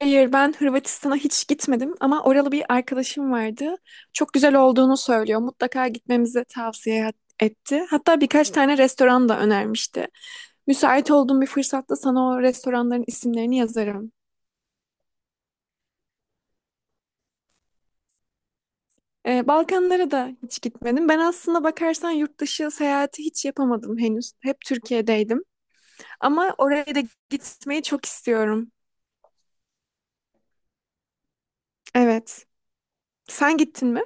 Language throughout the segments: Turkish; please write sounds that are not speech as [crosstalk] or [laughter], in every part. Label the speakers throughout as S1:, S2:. S1: Hayır, ben Hırvatistan'a hiç gitmedim ama oralı bir arkadaşım vardı. Çok güzel olduğunu söylüyor. Mutlaka gitmemizi tavsiye etti. Hatta birkaç tane restoran da önermişti. Müsait olduğum bir fırsatta sana o restoranların isimlerini yazarım. Balkanlara da hiç gitmedim. Ben aslında bakarsan yurt dışı seyahati hiç yapamadım henüz. Hep Türkiye'deydim. Ama oraya da gitmeyi çok istiyorum. Evet. Sen gittin mi?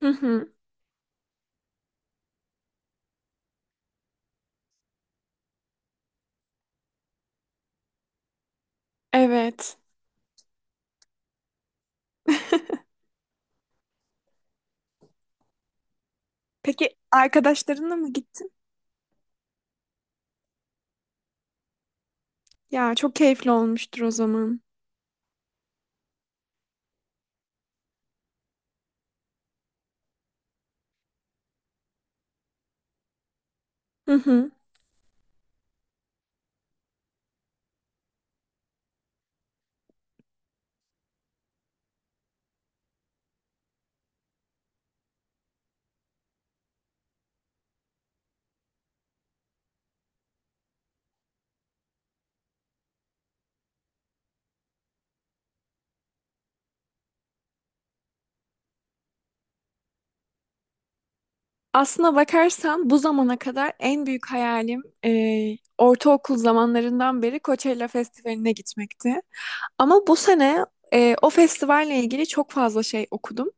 S1: Hı hı. Evet. [laughs] Peki arkadaşlarınla mı gittin? Ya çok keyifli olmuştur o zaman. Hı hı. Aslına bakarsan bu zamana kadar en büyük hayalim, ortaokul zamanlarından beri Coachella Festivali'ne gitmekti. Ama bu sene o festivalle ilgili çok fazla şey okudum.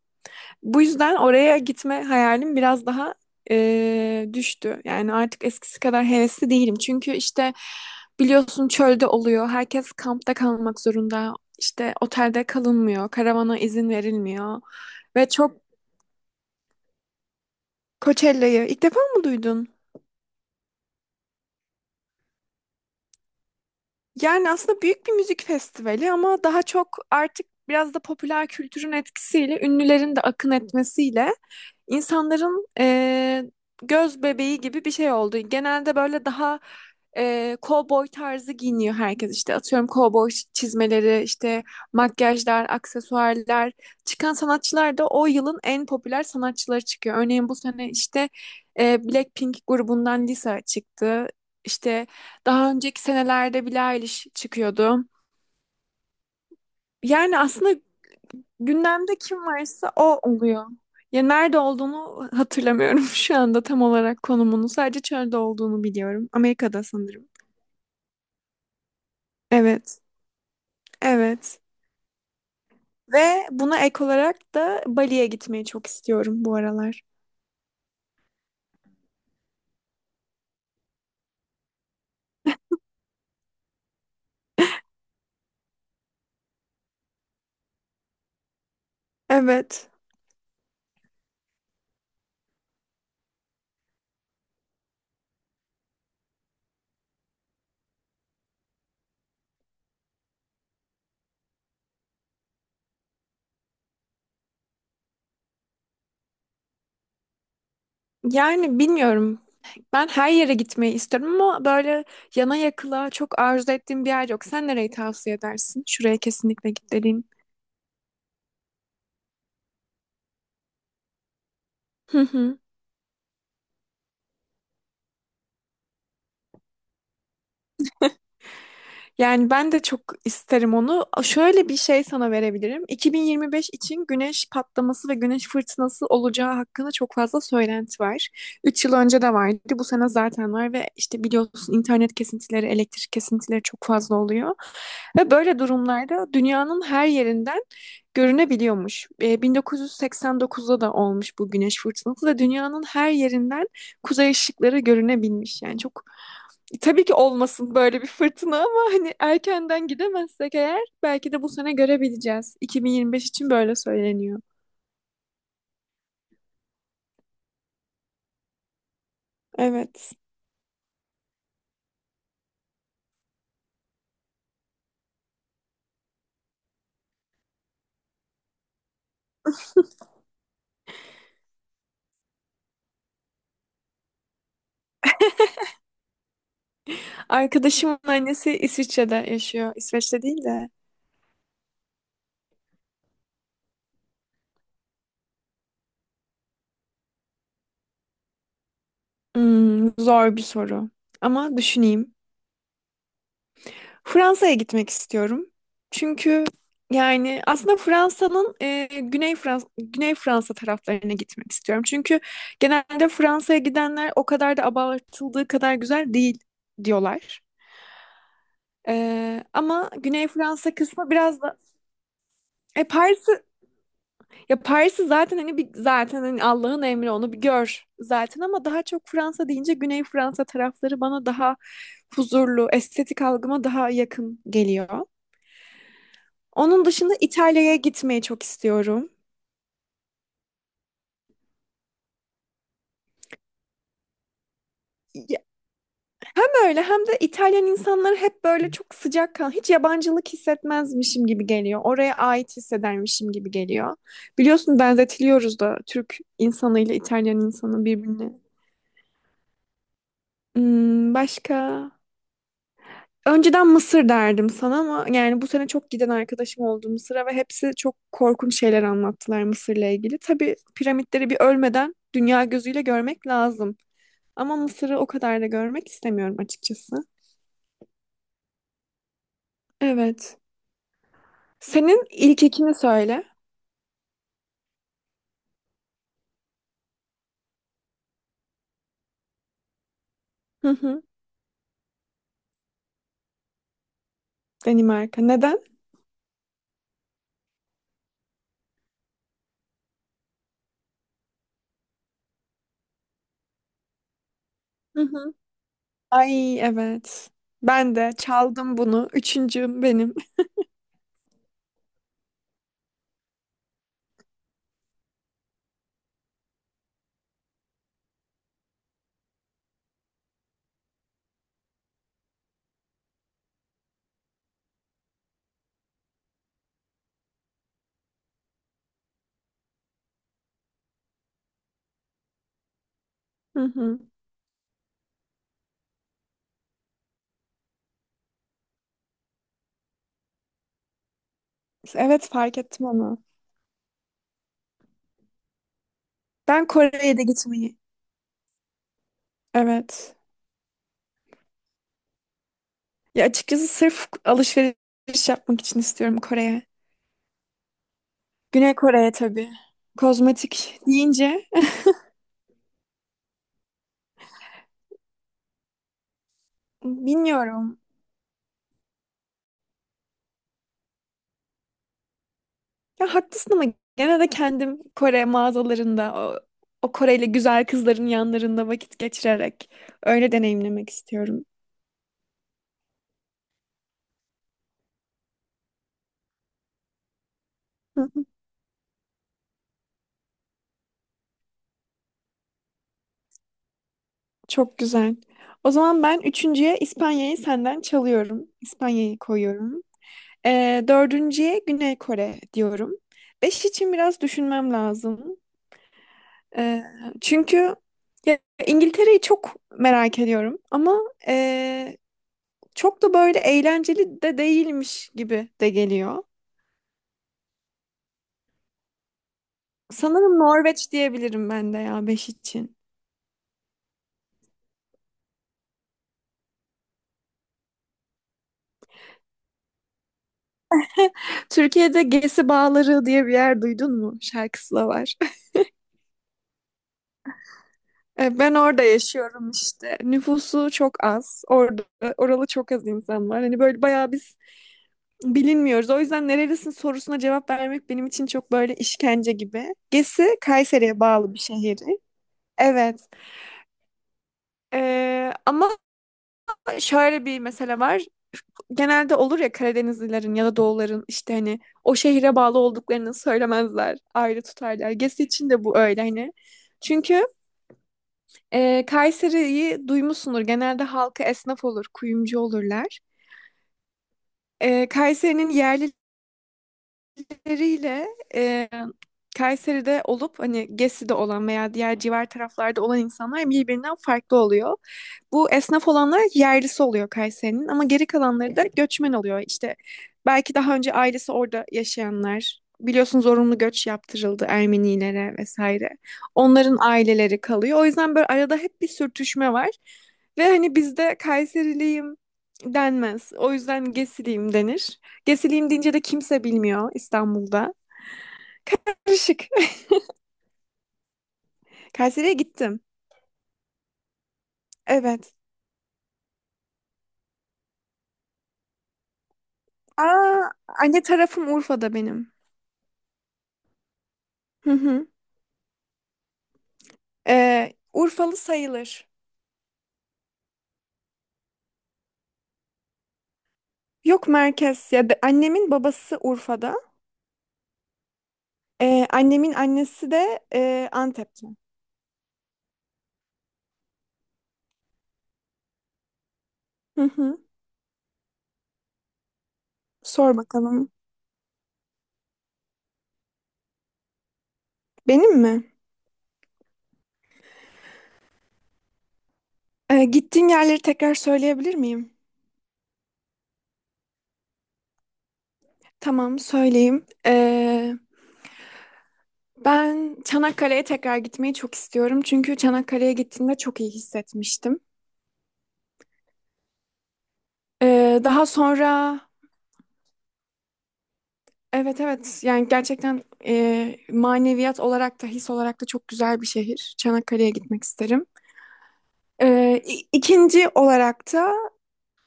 S1: Bu yüzden oraya gitme hayalim biraz daha düştü. Yani artık eskisi kadar hevesli değilim. Çünkü işte biliyorsun çölde oluyor. Herkes kampta kalmak zorunda. İşte otelde kalınmıyor. Karavana izin verilmiyor. Ve çok. Coachella'yı ilk defa mı duydun? Yani aslında büyük bir müzik festivali ama daha çok artık biraz da popüler kültürün etkisiyle, ünlülerin de akın etmesiyle insanların göz bebeği gibi bir şey oldu. Genelde böyle daha cowboy tarzı giyiniyor herkes işte. Atıyorum cowboy çizmeleri, işte makyajlar, aksesuarlar. Çıkan sanatçılar da o yılın en popüler sanatçıları çıkıyor. Örneğin bu sene işte Blackpink grubundan Lisa çıktı. İşte, daha önceki senelerde Billie Eilish çıkıyordu. Yani aslında gündemde kim varsa o oluyor. Ya nerede olduğunu hatırlamıyorum [laughs] şu anda tam olarak konumunu. Sadece çölde olduğunu biliyorum. Amerika'da sanırım. Evet, evet. Ve buna ek olarak da Bali'ye gitmeyi çok istiyorum bu aralar. Evet. Yani bilmiyorum. Ben her yere gitmeyi istiyorum ama böyle yana yakıla çok arzu ettiğim bir yer yok. Sen nereyi tavsiye edersin? Şuraya kesinlikle git dediğin. [laughs] Yani ben de çok isterim onu. Şöyle bir şey sana verebilirim. 2025 için güneş patlaması ve güneş fırtınası olacağı hakkında çok fazla söylenti var. 3 yıl önce de vardı. Bu sene zaten var ve işte biliyorsun internet kesintileri, elektrik kesintileri çok fazla oluyor. Ve böyle durumlarda dünyanın her yerinden görünebiliyormuş. 1989'da da olmuş bu güneş fırtınası ve dünyanın her yerinden kuzey ışıkları görünebilmiş. Yani çok. Tabii ki olmasın böyle bir fırtına ama hani erkenden gidemezsek eğer belki de bu sene görebileceğiz. 2025 için böyle söyleniyor. Evet. Arkadaşımın annesi İsviçre'de yaşıyor. İsveç'te değil de. Hmm, zor bir soru. Ama düşüneyim. Fransa'ya gitmek istiyorum. Çünkü yani aslında Fransa'nın, Güney Fransa taraflarına gitmek istiyorum. Çünkü genelde Fransa'ya gidenler o kadar da abartıldığı kadar güzel değil diyorlar. Ama Güney Fransa kısmı biraz da e Paris'i ya, Paris'i zaten hani bir zaten hani Allah'ın emri, onu bir gör zaten ama daha çok Fransa deyince Güney Fransa tarafları bana daha huzurlu, estetik algıma daha yakın geliyor. Onun dışında İtalya'ya gitmeyi çok istiyorum. Ya, hem öyle hem de İtalyan insanları hep böyle çok sıcak kan, hiç yabancılık hissetmezmişim gibi geliyor. Oraya ait hissedermişim gibi geliyor. Biliyorsun benzetiliyoruz da Türk insanıyla İtalyan insanı birbirine. Başka? Önceden Mısır derdim sana ama yani bu sene çok giden arkadaşım oldu Mısır'a ve hepsi çok korkunç şeyler anlattılar Mısır'la ilgili. Tabii piramitleri bir ölmeden dünya gözüyle görmek lazım. Ama Mısır'ı o kadar da görmek istemiyorum açıkçası. Evet. Senin ilk ikini söyle. Hı hı. Danimarka. Neden? Hı hı. Ay, evet. Ben de çaldım bunu. Üçüncüm benim. [laughs] Hı hı. Evet, fark ettim onu. Ben Kore'ye de gitmeyi. Evet. Ya açıkçası sırf alışveriş yapmak için istiyorum Kore'ye. Güney Kore'ye tabii. Kozmetik deyince bilmiyorum. Ya haklısın ama gene de kendim Kore mağazalarında o Koreli güzel kızların yanlarında vakit geçirerek öyle deneyimlemek istiyorum. Hı hı. Çok güzel. O zaman ben üçüncüye İspanya'yı senden çalıyorum. İspanya'yı koyuyorum. Dördüncüye Güney Kore diyorum. Beş için biraz düşünmem lazım. Ee, çünkü ya, İngiltere'yi çok merak ediyorum ama, e, çok da böyle eğlenceli de değilmiş gibi de geliyor. Sanırım Norveç diyebilirim ben de, ya, beş için. Türkiye'de Gezi Bağları diye bir yer duydun mu? Şarkısı da var. [laughs] Ben orada yaşıyorum işte. Nüfusu çok az. Orada oralı çok az insan var. Hani böyle bayağı bir, bilinmiyoruz. O yüzden nerelisin sorusuna cevap vermek benim için çok böyle işkence gibi. Gesi Kayseri'ye bağlı bir şehir. Evet. Ama şöyle bir mesele var. Genelde olur ya Karadenizlilerin ya da Doğuların işte hani o şehre bağlı olduklarını söylemezler. Ayrı tutarlar. Gesi için de bu öyle hani. Çünkü, Kayseri'yi duymuşsundur. Genelde halkı esnaf olur, kuyumcu olurlar. Kayseri'nin yerli, Kayseri'yle, e, Kayseri'de olup hani Gesi'de olan veya diğer civar taraflarda olan insanlar birbirinden farklı oluyor. Bu esnaf olanlar yerlisi oluyor Kayseri'nin ama geri kalanları da göçmen oluyor. İşte belki daha önce ailesi orada yaşayanlar, biliyorsun, zorunlu göç yaptırıldı Ermenilere vesaire. Onların aileleri kalıyor. O yüzden böyle arada hep bir sürtüşme var. Ve hani bizde Kayseriliyim denmez. O yüzden Gesiliyim denir. Gesileyim deyince de kimse bilmiyor İstanbul'da. Karışık. [laughs] Kayseri'ye gittim. Evet. Aa, anne tarafım Urfa'da benim. Hı hı. Urfalı sayılır. Yok, merkez ya. Annemin babası Urfa'da. Annemin annesi de, Antep'te. Hı hı. Sor bakalım. Benim mi? Gittiğin yerleri tekrar söyleyebilir miyim? Tamam, söyleyeyim. Ben Çanakkale'ye tekrar gitmeyi çok istiyorum. Çünkü Çanakkale'ye gittiğimde çok iyi hissetmiştim. Daha sonra, evet, evet, yani gerçekten, maneviyat olarak da his olarak da çok güzel bir şehir. Çanakkale'ye gitmek isterim. İkinci olarak da,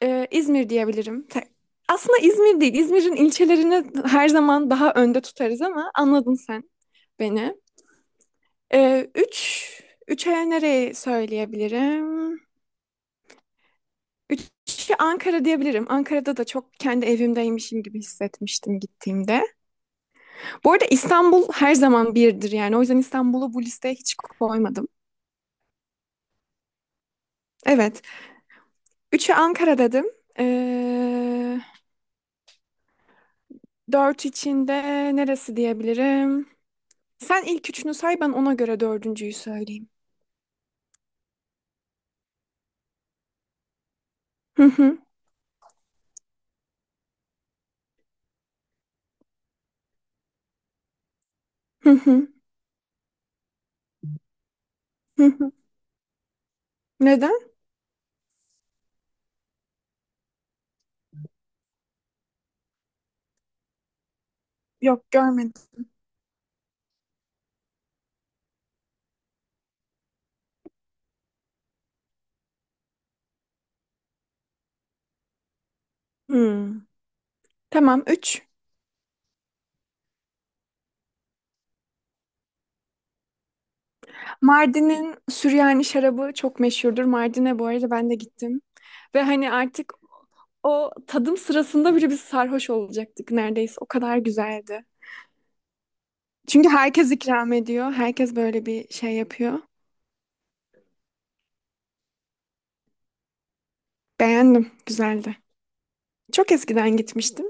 S1: İzmir diyebilirim. Aslında İzmir değil. İzmir'in ilçelerini her zaman daha önde tutarız ama anladın sen beni. Ee, üç, üçe nereyi söyleyebilirim? Üçü Ankara diyebilirim. Ankara'da da çok kendi evimdeymişim gibi hissetmiştim gittiğimde. Bu arada İstanbul her zaman birdir yani. O yüzden İstanbul'u bu listeye hiç koymadım. Evet. Üçü Ankara dedim. Ee, dört içinde neresi diyebilirim? Sen ilk üçünü say, ben ona göre dördüncüyü söyleyeyim. Hı hı, hı hı, hı hı. Neden? Yok, görmedim. Hmm. Tamam, üç. Mardin'in Süryani şarabı çok meşhurdur. Mardin'e bu arada ben de gittim. Ve hani artık o tadım sırasında bile biz sarhoş olacaktık neredeyse. O kadar güzeldi. Çünkü herkes ikram ediyor. Herkes böyle bir şey yapıyor. Beğendim. Güzeldi. Çok eskiden gitmiştim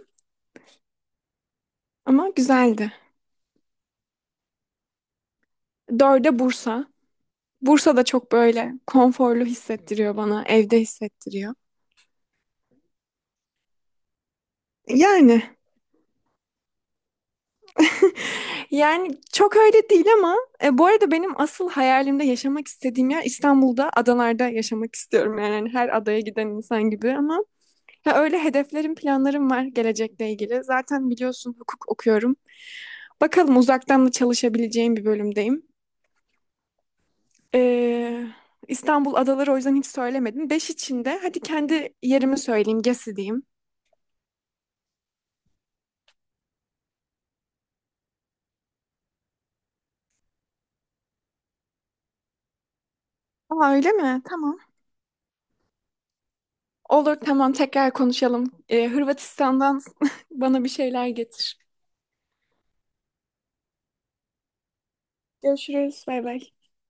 S1: ama güzeldi. Dörde Bursa. Bursa da çok böyle konforlu hissettiriyor bana. Evde hissettiriyor. Yani [laughs] yani çok öyle değil ama, bu arada benim asıl hayalimde yaşamak istediğim yer, İstanbul'da adalarda yaşamak istiyorum. Yani hani her adaya giden insan gibi ama. Ya, öyle hedeflerim, planlarım var gelecekle ilgili. Zaten biliyorsun hukuk okuyorum. Bakalım, uzaktan da çalışabileceğim bir bölümdeyim. Ee, İstanbul adaları o yüzden hiç söylemedim. Beş içinde. Hadi kendi yerimi söyleyeyim, Gezi diyeyim. Aa, öyle mi? Tamam. Olur, tamam, tekrar konuşalım. Hırvatistan'dan [laughs] bana bir şeyler getir. Görüşürüz. Bay bay.